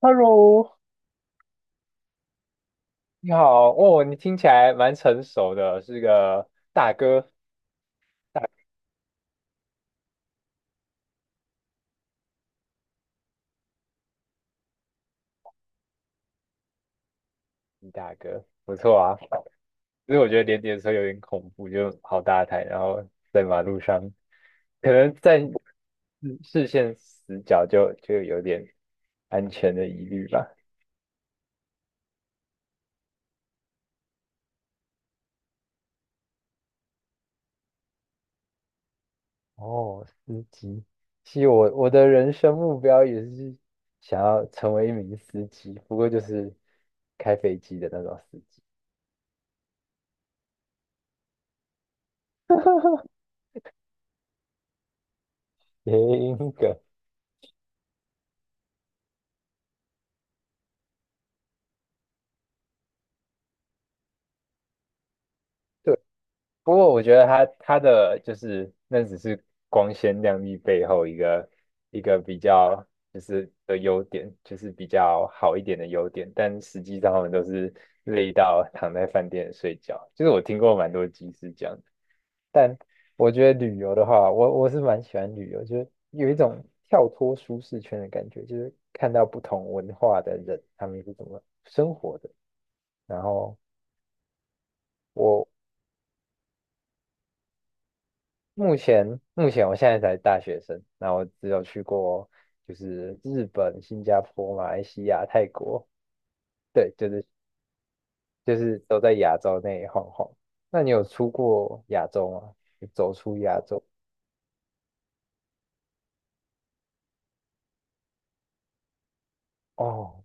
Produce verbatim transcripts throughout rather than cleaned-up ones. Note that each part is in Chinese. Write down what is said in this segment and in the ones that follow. Hello，你好，哦，你听起来蛮成熟的，是个大哥，大哥，大哥，不错啊。其实我觉得连接的时候有点恐怖，就好大台，然后在马路上，可能在视视线死角就就有点安全的疑虑吧。哦，司机，其实我我的人生目标也是想要成为一名司机，不过就是开飞机的那种司机。谐音梗，不过我觉得他他的就是那只是光鲜亮丽背后一个一个比较就是的优点，就是比较好一点的优点，但实际上他们都是累到躺在饭店睡觉。就是我听过蛮多集是这样的，但我觉得旅游的话，我我是蛮喜欢旅游，就是有一种跳脱舒适圈的感觉，就是看到不同文化的人他们是怎么生活的，然后。我。目前目前我现在才大学生，那我只有去过就是日本、新加坡、马来西亚、泰国，对，就是就是都在亚洲内晃晃。那你有出过亚洲吗？有走出亚洲？哦，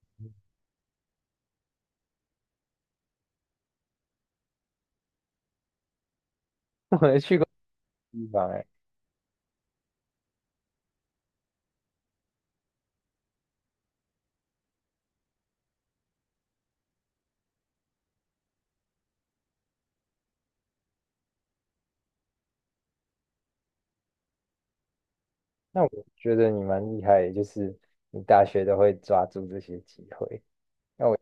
我没去过的地方哎。那我觉得你蛮厉害的，就是你大学都会抓住这些机会。那我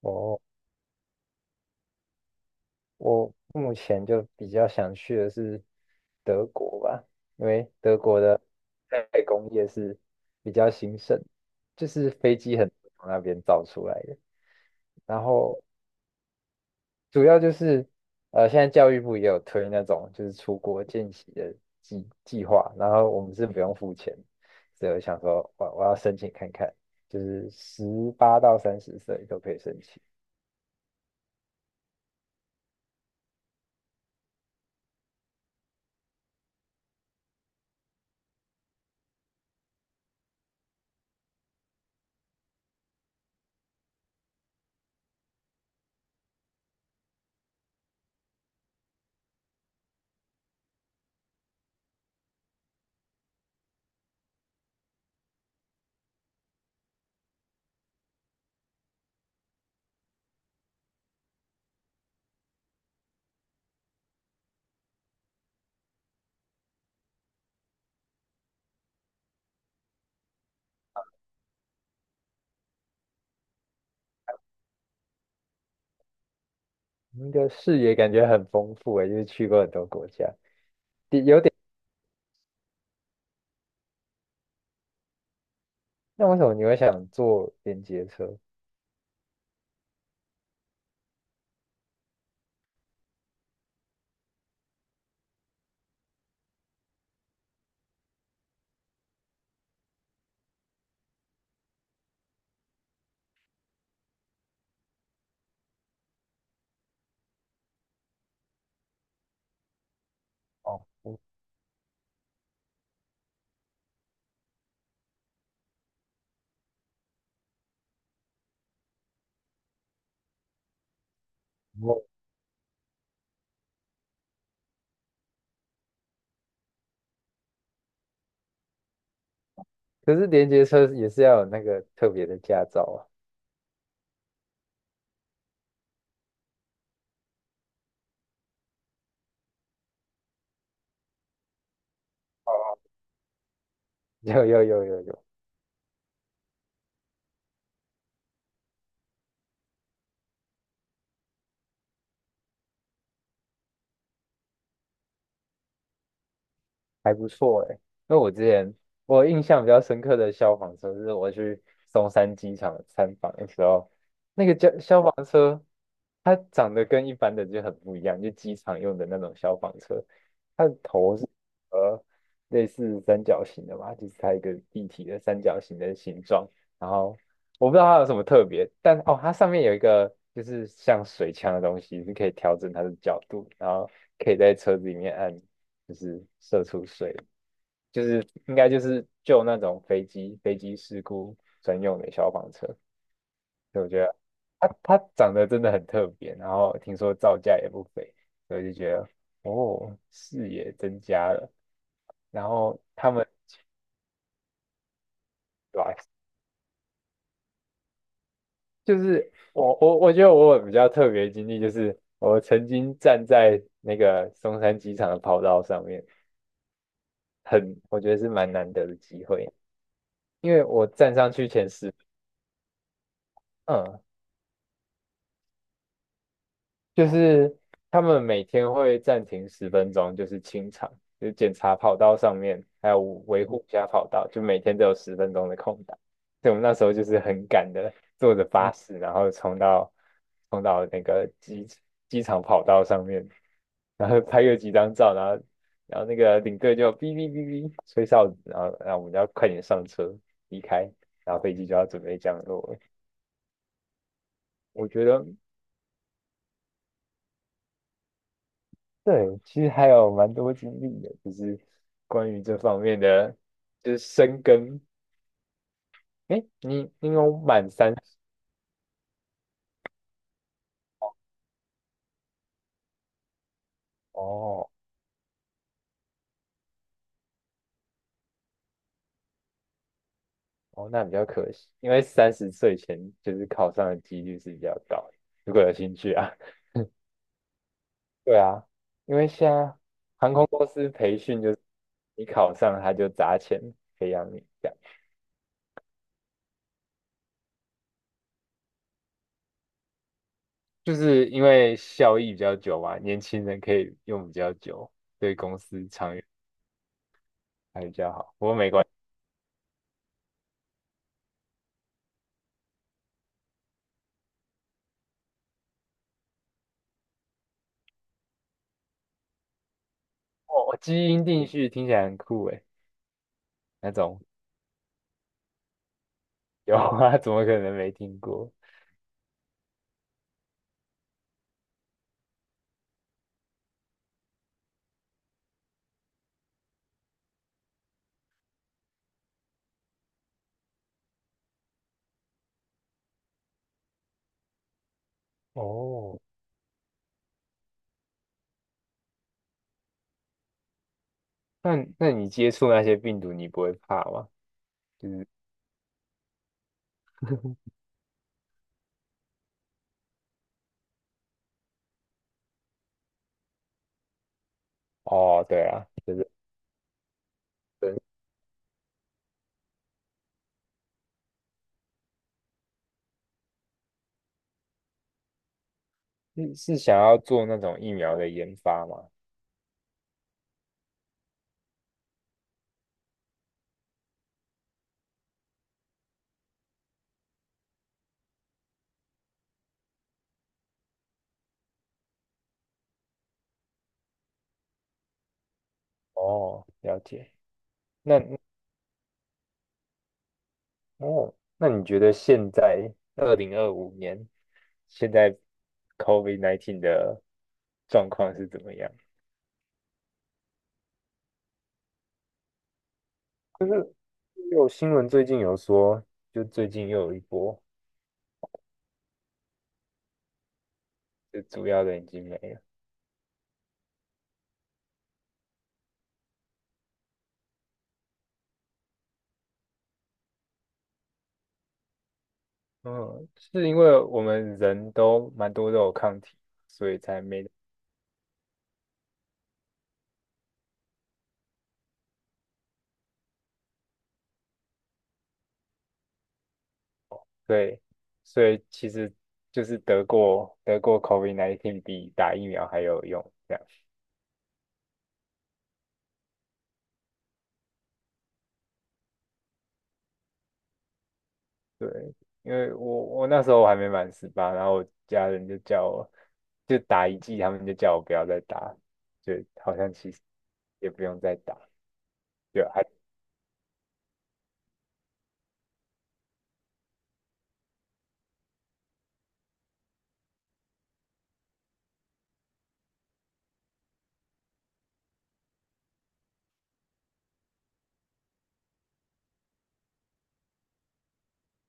哦，我目前就比较想去的是德国吧，因为德国的代工业是比较兴盛，就是飞机很多从那边造出来的。然后主要就是呃，现在教育部也有推那种就是出国见习的计计划，然后我们是不用付钱，所以我想说我我要申请看看，就是十八到三十岁都可以申请。你的视野感觉很丰富诶，就是去过很多国家。第那为什么你会想坐连接车？哦，我我可是连接车也是要有那个特别的驾照啊。有有有有有。还不错诶，因为我之前我印象比较深刻的消防车是我去松山机场参访的时候，那个消消防车，它长得跟一般的就很不一样，就机场用的那种消防车，它的头是呃类似三角形的嘛，就是它一个立体的三角形的形状，然后我不知道它有什么特别，但哦，它上面有一个就是像水枪的东西，是可以调整它的角度，然后可以在车子里面按。就是射出水，就是应该就是救那种飞机飞机事故专用的消防车。所以我觉得它它长得真的很特别，然后听说造价也不菲，所以就觉得哦，视野增加了。然后他们对吧？就是我我我觉得我有比较特别的经历，就是我曾经站在那个松山机场的跑道上面，很我觉得是蛮难得的机会，因为我站上去前十，嗯，就是他们每天会暂停十分钟，就是清场，就是检查跑道上面，还有维护一下跑道，就每天都有十分钟的空档。所以我们那时候就是很赶的，坐着巴士，然后冲到冲到那个机机场跑道上面，然后拍个几张照，然后然后那个领队就哔哔哔哔吹哨子，然后然后我们就要快点上车离开，然后飞机就要准备降落了。我觉得对，其实还有蛮多经历的，就是关于这方面的，就是深耕。诶，你你有满三十哦哦，那比较可惜，因为三十岁前就是考上的几率是比较高的。如果有兴趣啊，对啊，因为现在航空公司培训就是你考上他就砸钱培养你，这样就是因为效益比较久嘛，年轻人可以用比较久，对公司长远还比较好。不过没关。系。哦，基因定序听起来很酷诶，那种有啊，怎么可能没听过？哦，那那你接触那些病毒，你不会怕吗？就是哦，对啊，就是是是想要做那种疫苗的研发吗？哦，了解。那哦，那你觉得现在二零二五年，现在 COVID 十九 的状况是怎么样？就是有新闻最近有说，就最近又有一波，就主要的已经没了。嗯，是因为我们人都蛮多都有抗体，所以才没对，所以其实就是得过得过 COVID 十九 比打疫苗还有用，这样对。因为我我那时候我还没满十八，然后我家人就叫我就打一剂，他们就叫我不要再打，就好像其实也不用再打，就还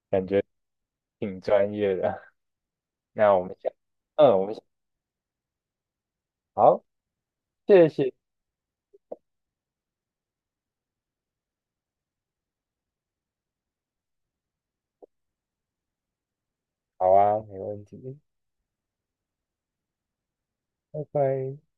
感觉挺专业的。那我们下，嗯，我们下好，谢谢，好啊，没问题，拜拜。